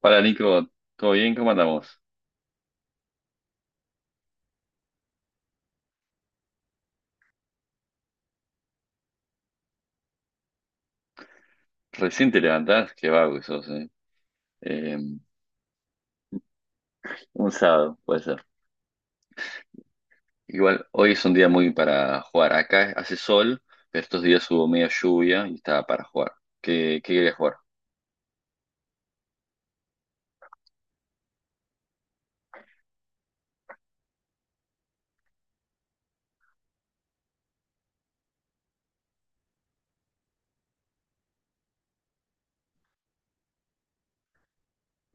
Hola Nico, ¿todo bien? ¿Cómo andamos? Recién te levantás, qué vago que sos, ¿eh? Eh, un sábado, puede ser. Igual, hoy es un día muy para jugar. Acá hace sol, pero estos días hubo media lluvia y estaba para jugar. ¿Qué querías jugar?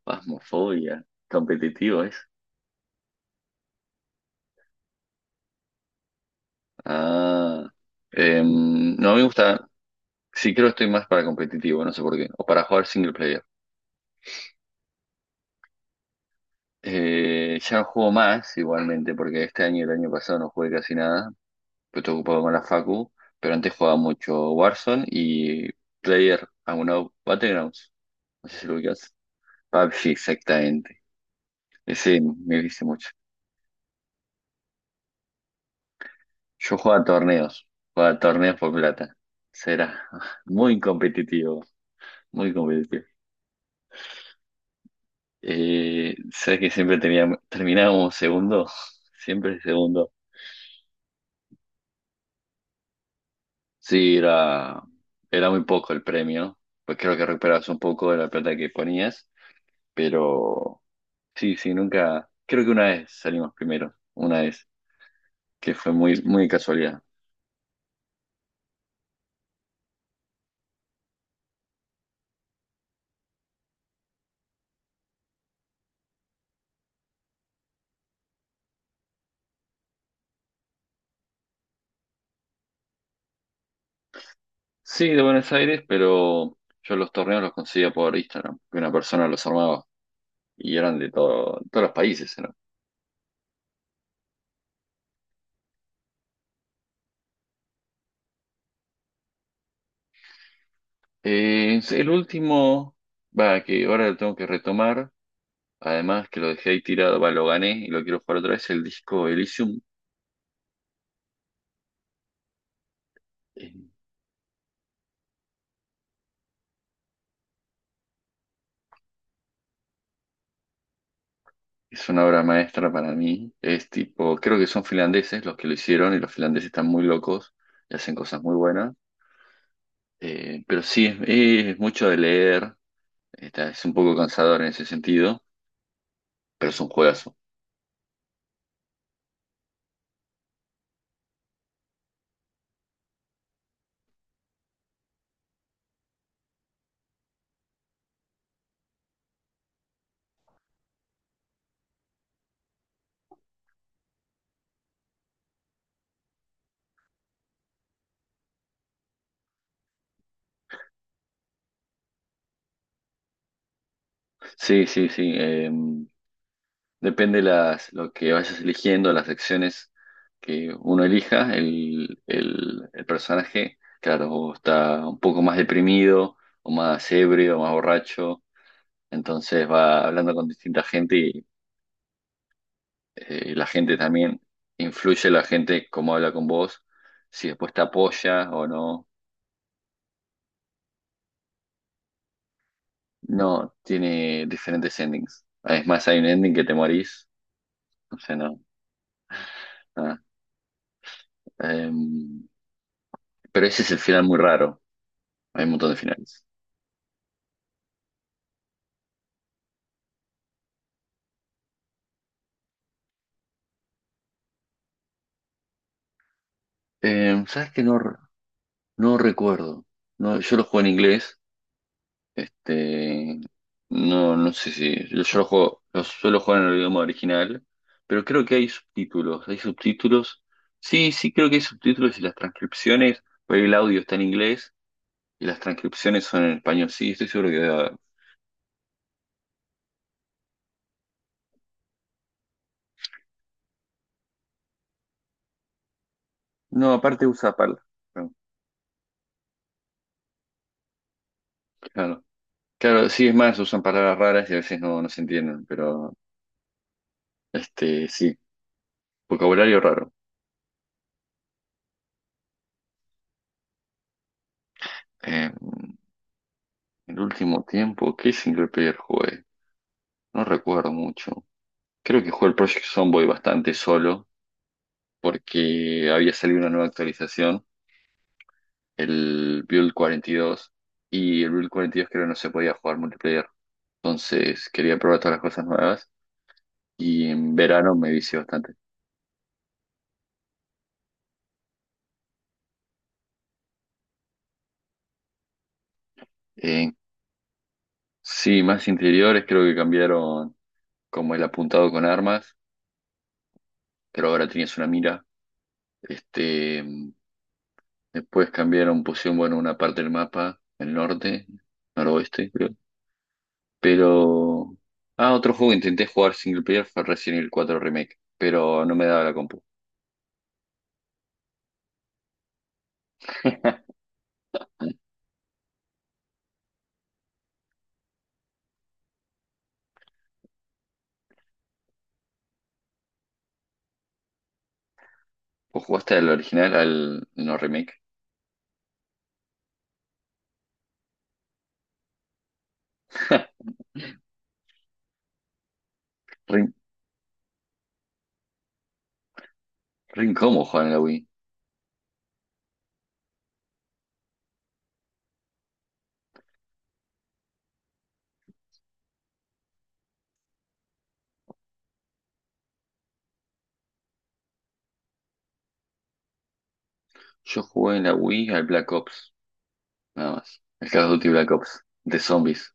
Phasmophobia, competitivo es. Ah, no me gusta, sí creo que estoy más para competitivo, no sé por qué, o para jugar single player. Ya no juego más igualmente, porque este año y el año pasado no jugué casi nada. Pero estoy ocupado con la facu, pero antes jugaba mucho Warzone y Player Unknown Battlegrounds, no sé si lo ubicas. PUBG, exactamente. Ese me dice mucho. Yo jugaba a torneos por plata. Será muy competitivo, muy competitivo. ¿Sabes que siempre terminábamos segundo? Siempre segundo. Sí, era muy poco el premio, pues creo que recuperabas un poco de la plata que ponías, pero. Sí, sí, nunca. Creo que una vez salimos primero, una vez, que fue muy, muy de casualidad. Sí, de Buenos Aires, pero yo los torneos los conseguía por Instagram, que una persona los armaba y eran de todos los países, ¿no? Sí, el último, va, que ahora lo tengo que retomar, además que lo dejé ahí tirado, va, lo gané y lo quiero jugar otra vez, el disco Elysium. eh, Es una obra maestra para mí. Es tipo, creo que son finlandeses los que lo hicieron y los finlandeses están muy locos y hacen cosas muy buenas. Pero sí, es mucho de leer, es un poco cansador en ese sentido, pero es un juegazo. Sí, sí, sí. Depende lo que vayas eligiendo, las secciones que uno elija, el personaje, claro, o está un poco más deprimido, o más ebrio, o más borracho, entonces va hablando con distinta gente y la gente también influye, la gente cómo habla con vos, si después te apoya o no. No, tiene diferentes endings. Es más, hay un ending que te morís. O sea, no. Ah. Em, pero ese es el final muy raro. Hay un montón de finales. ¿Sabes qué? No, no recuerdo. No, yo lo juego en inglés. Este, no, no sé si. Yo lo suelo jugar en el idioma original. Pero creo que hay subtítulos. Hay subtítulos. Sí, sí, creo que hay subtítulos y las transcripciones. Porque el audio está en inglés y las transcripciones son en español. Sí, estoy seguro que, no, aparte usa palabras. Claro. Claro, sí, es más, usan palabras raras y a veces no se entienden, pero sí, vocabulario raro. Eh, el último tiempo, ¿qué single player jugué? No recuerdo mucho. Creo que jugué el Project Zomboid bastante solo, porque había salido una nueva actualización, el Build 42 y el Build 42 creo que no se podía jugar multiplayer. Entonces quería probar todas las cosas nuevas y en verano me vicié bastante. En Sí, más interiores, creo que cambiaron como el apuntado con armas, pero ahora tenías una mira. Este, mm, después cambiaron, pusieron, bueno, una parte del mapa, el norte, noroeste, creo. Pero otro juego que intenté jugar single player fue Resident Evil 4 Remake, pero no me daba la compu. ¿Vos jugaste al original, al no remake? Rin, Rin, ¿cómo jugar en la Wii? Yo jugué en la Wii al Black Ops, nada más. El Call of Duty Black Ops, de zombies.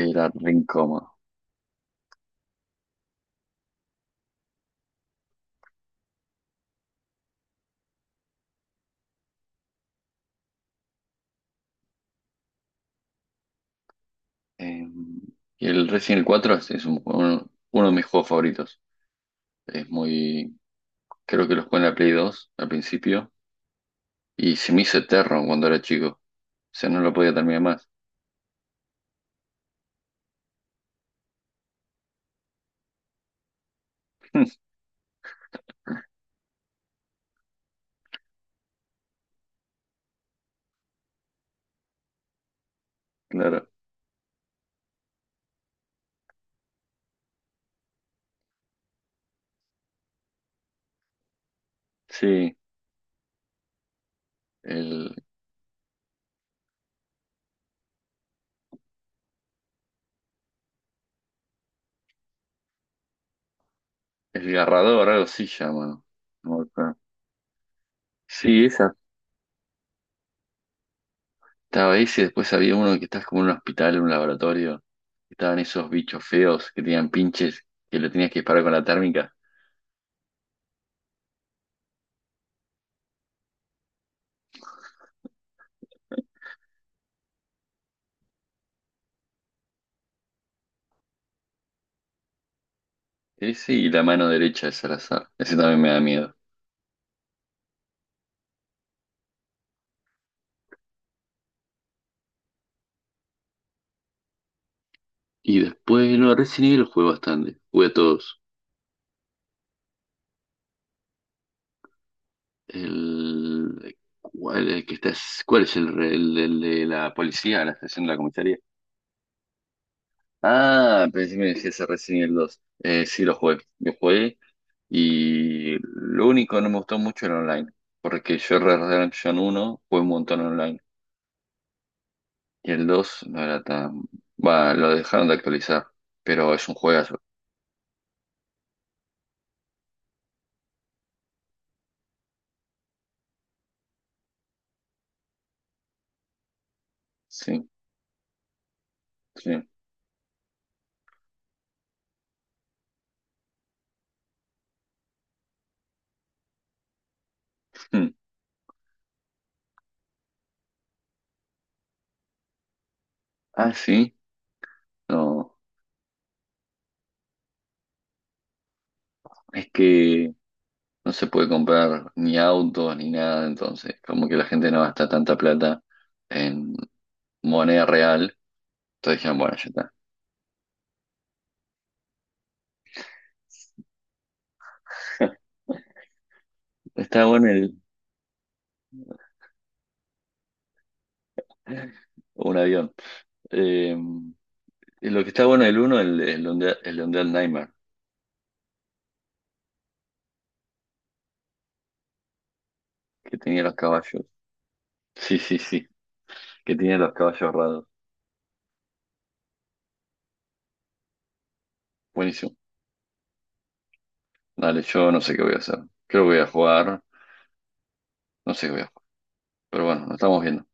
Era Rin. Eh, y el Resident Evil 4 es uno de mis juegos favoritos. Es muy. Creo que los jugué en la Play 2 al principio. Y se me hizo eterno cuando era chico. O sea, no lo podía terminar más. Claro. Sí. El, el garrador, algo así llama. No me acuerdo. Sí, esa. Estaba ese. Después había uno que estás como en un hospital, en un laboratorio. Estaban esos bichos feos que tenían pinches que le tenías que disparar con la térmica. Ese y la mano derecha es al azar. Ese también me da miedo. Y después, no, Resident Evil jugué bastante. Jugué a todos. ¿Cuál, el que está, cuál es el de la policía, la estación de la comisaría? Ah, pensé que me decías el Resident Evil 2. Sí, lo jugué. Lo jugué y lo único que no me gustó mucho era online. Porque yo Red Dead Redemption 1 jugué un montón online. Y el 2 no era tan, va, lo dejaron de actualizar. Pero es un juegazo. Sí, sí. Hmm. Ah, sí. No. Es que no se puede comprar ni autos ni nada, entonces como que la gente no gasta tanta plata en moneda real, entonces dijeron, bueno, ya está. Está bueno un avión. Eh, y lo que está bueno el uno, el Undead Nightmare, que tenía los caballos. Sí, sí, sí, que tenía los caballos raros. Buenísimo. Dale, yo no sé qué voy a hacer. Creo que voy a jugar, no sé qué voy a jugar, pero bueno, nos estamos viendo.